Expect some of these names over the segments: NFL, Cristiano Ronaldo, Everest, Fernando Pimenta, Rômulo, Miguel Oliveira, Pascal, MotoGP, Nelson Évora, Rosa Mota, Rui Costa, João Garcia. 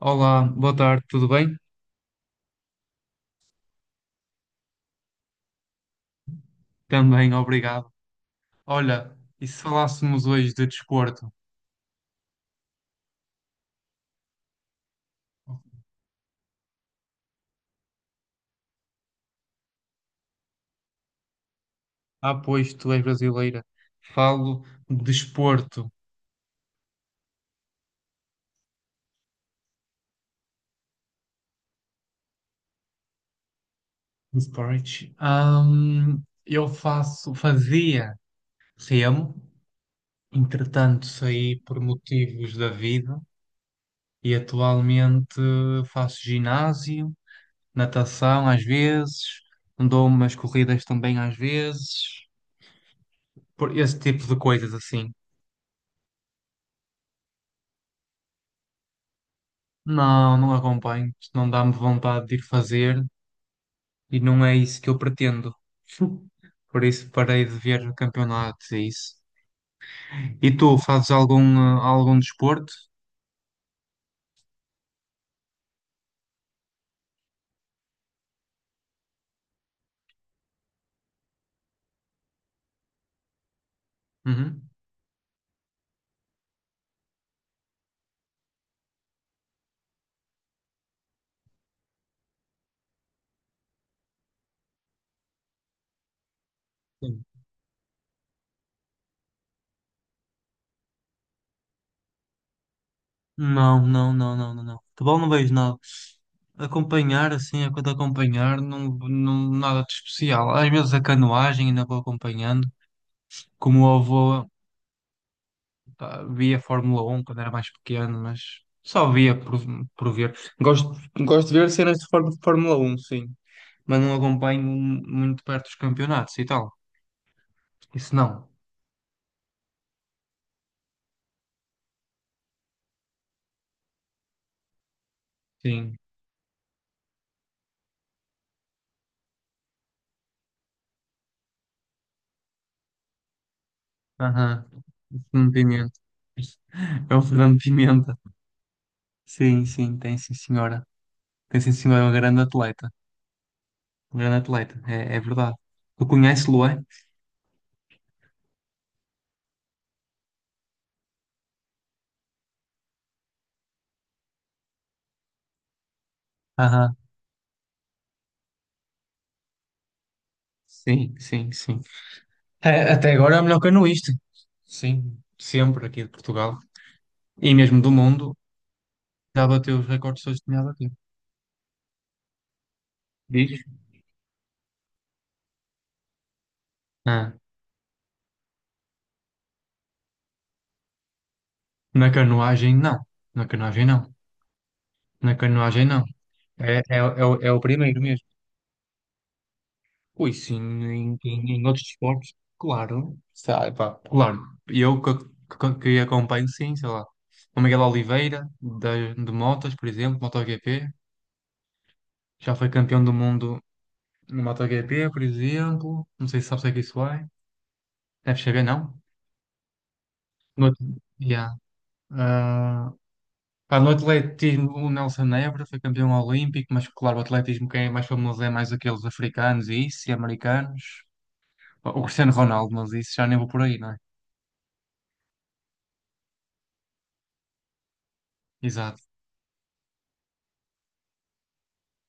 Olá, boa tarde, tudo bem? Também, obrigado. Olha, e se falássemos hoje de desporto? Ah, pois tu és brasileira. Falo de desporto. Esporte. Eu fazia remo, entretanto saí por motivos da vida e atualmente faço ginásio, natação às vezes, dou umas corridas também às vezes, por esse tipo de coisas assim. Não, não acompanho. Isto não dá-me vontade de ir fazer e não é isso que eu pretendo. Por isso parei de ver campeonatos e isso. E tu, fazes algum, algum desporto? Uhum. Sim. Não, não, não, não, não, não. Futebol não vejo nada. Acompanhar, assim, é quando acompanhar, não, não, nada de especial. Às vezes a canoagem ainda vou acompanhando. Como o avô. Pá, via Fórmula 1 quando era mais pequeno, mas só via por ver. Gosto de ver cenas de Fórmula 1, sim, mas não acompanho muito de perto os campeonatos e tal. Isso não. Sim. Aham. O Fernando Pimenta. É o Fernando Pimenta. Sim, sim, tem sim, senhora. Tem sim, senhora, é um grande atleta. Um grande atleta, é, é verdade. Tu conhece lo é? Aham. Sim, sim, sim. É, até agora é o melhor canoista. Sim, sempre aqui de Portugal. E mesmo do mundo, já bateu os recordes todos que tinha a bater. Diz? Ah, na canoagem, não. Na canoagem, não. Na canoagem, não. É o primeiro mesmo. Ui, sim, em outros esportes, claro. Sabe, pá, claro. Eu que acompanho, sim, sei lá. O Miguel Oliveira, de motas, por exemplo, MotoGP. Já foi campeão do mundo no MotoGP, por exemplo. Não sei se sabes o que é que isso é. Deve saber, não? No, outro- Yeah. Ah, pá, no atletismo, o Nelson Évora foi campeão olímpico, mas claro, o atletismo quem é mais famoso é mais aqueles africanos e isso, e americanos. Pá, o Cristiano Ronaldo, mas isso já nem vou por aí, não é? Exato.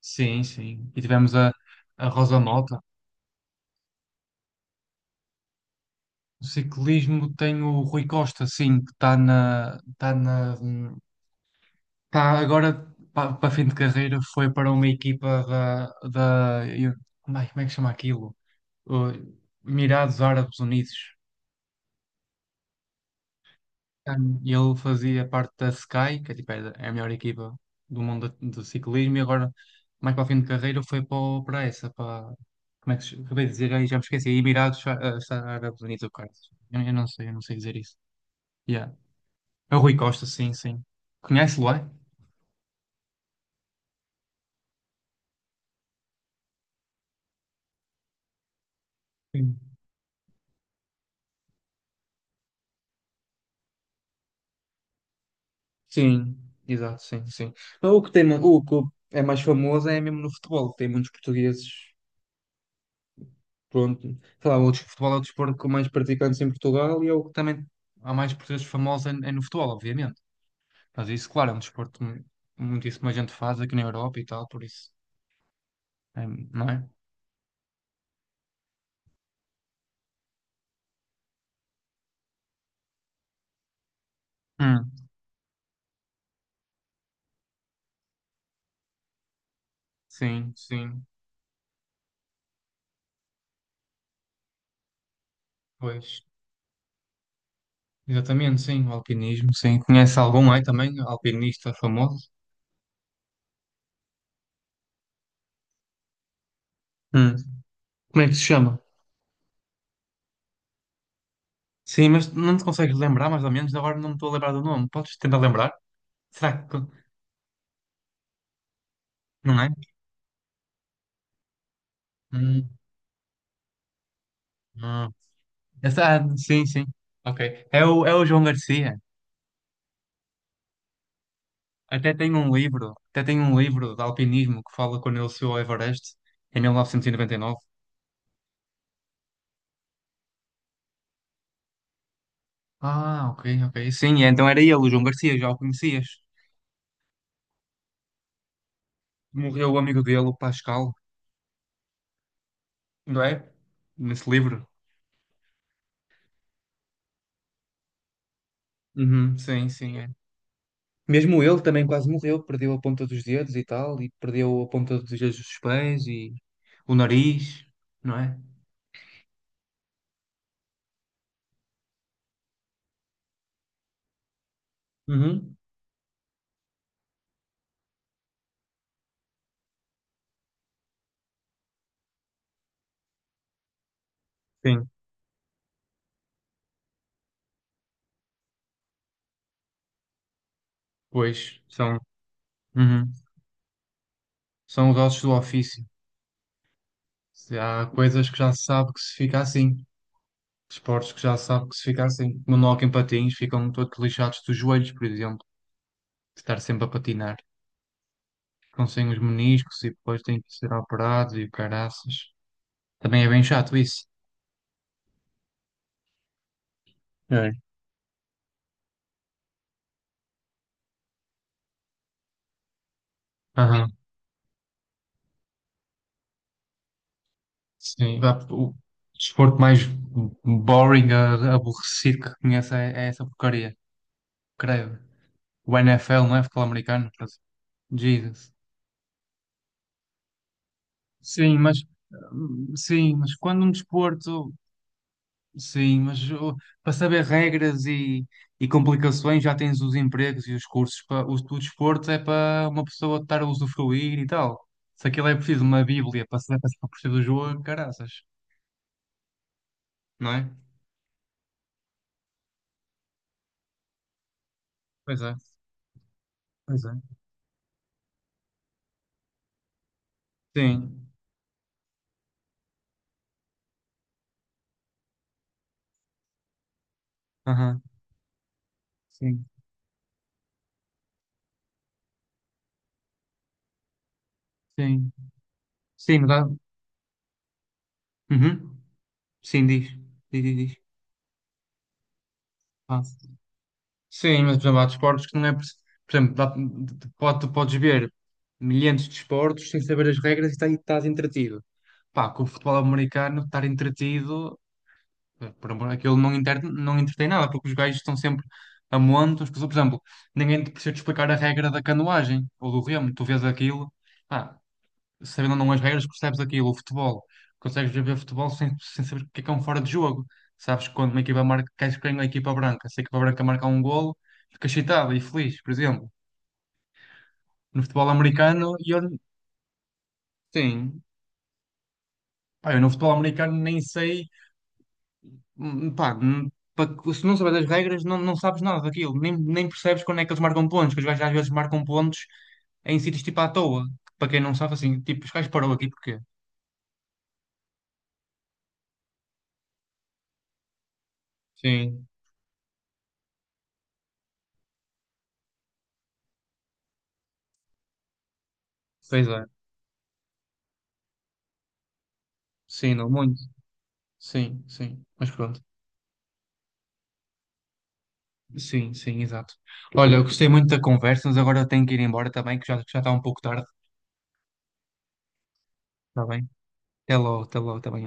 Sim, sim. E tivemos a Rosa Mota. No ciclismo tem o Rui Costa, sim, que está agora para fim de carreira, foi para uma equipa da, ai, como é que chama aquilo? O Emirados Árabes Unidos. E ele fazia parte da Sky, que é, tipo, é a melhor equipa do mundo do ciclismo, e agora, mais para o fim de carreira, foi para essa, para. Como é que se acabei de dizer? Aí já me esqueci. Emirados, Árabes Unidos, ou caralho. Eu não sei dizer isso. Yeah. É o Rui Costa, sim, sim. Conhece-lo, é? Sim. Sim, exato, sim, sim. O que é mais famoso é mesmo no futebol, tem muitos portugueses. Pronto, sei lá, o futebol é o desporto com mais praticantes em Portugal e é o que também há mais portugueses famosos é, é no futebol, obviamente. Mas isso, claro, é um desporto muitíssima gente faz aqui na Europa e tal, por isso, é, não é? Hum, sim, sim, pois, exatamente, sim, o alpinismo, sim. Conhece algum aí também, alpinista famoso? Hum, como é que se chama? Sim, mas não te consegues lembrar mais ou menos, agora não me estou a lembrar do nome. Podes tentar lembrar? Será que, não é? Hum, hum. Essa, sim, sim. Ok. É o João Garcia. Até tem um livro, até tem um livro de alpinismo que fala quando ele subiu ao Everest em mil novecentos e noventa e nove. Ah, ok, ok. Sim, é, então era ele, o João Garcia, já o conhecias. Morreu o amigo dele, o Pascal, não é? Nesse livro. Uhum, sim, sim, é. Mesmo ele também quase morreu, perdeu a ponta dos dedos e tal, e perdeu a ponta dos dedos dos pés e o nariz, não é? Uhum. Sim, pois uhum, são os ossos do ofício. Se há coisas que já se sabe que se fica assim. Esportes que já se sabe que se fica assim. Como no hockey em patins, ficam todos lixados dos joelhos, por exemplo. De estar sempre a patinar. Ficam sem os meniscos e depois têm que ser operados e o caraças. Também é bem chato isso. É. Aham, sim. Vá, o desporto mais boring, aborrecido que conheço é, essa porcaria, creio. O NFL, não é? Futebol americano. Quer dizer, Jesus. Sim, mas sim, mas quando um desporto. Sim, mas para saber regras e complicações já tens os empregos e os cursos. Para, o desporto é para uma pessoa estar a usufruir e tal. Se aquilo é preciso uma bíblia para saber passar por cima do jogo, caraças, não é? Pois é, pois é. Sim, aham, sim, sim. Sim, mas há- Uhum. Sim, diz. Ah. Sim, mas por exemplo, há desportos que não é. Por exemplo, tu podes ver milhares de desportos sem saber as regras e e estás entretido. Pá, com o futebol americano, estar entretido, por amor, aquilo não, não entretém nada, porque os gajos estão sempre a monte. As pessoas, por exemplo, ninguém te precisa te explicar a regra da canoagem ou do remo, tu vês aquilo sabendo ou não as regras, percebes aquilo, o futebol. Consegues ver futebol sem saber o que é um fora de jogo. Sabes que quando uma equipa marca, queres que ganhe a equipa branca. Se a equipa branca marcar um golo, fica excitado e feliz, por exemplo. No futebol americano, sim, pá, eu no futebol americano nem sei, hum, pá, hum, pa- se não sabes as regras, não, não sabes nada daquilo, nem percebes quando é que eles marcam pontos, que os gajos às vezes marcam pontos em sítios tipo à toa, que para quem não sabe, assim, tipo, os gajos parou aqui porquê? Sim, pois é, sim, não, muito. Sim, sim. Mas pronto. Sim, sim, exato. Olha, eu gostei muito da conversa, mas agora eu tenho que ir embora também, que já está um pouco tarde. Está bem? Até logo, está bem.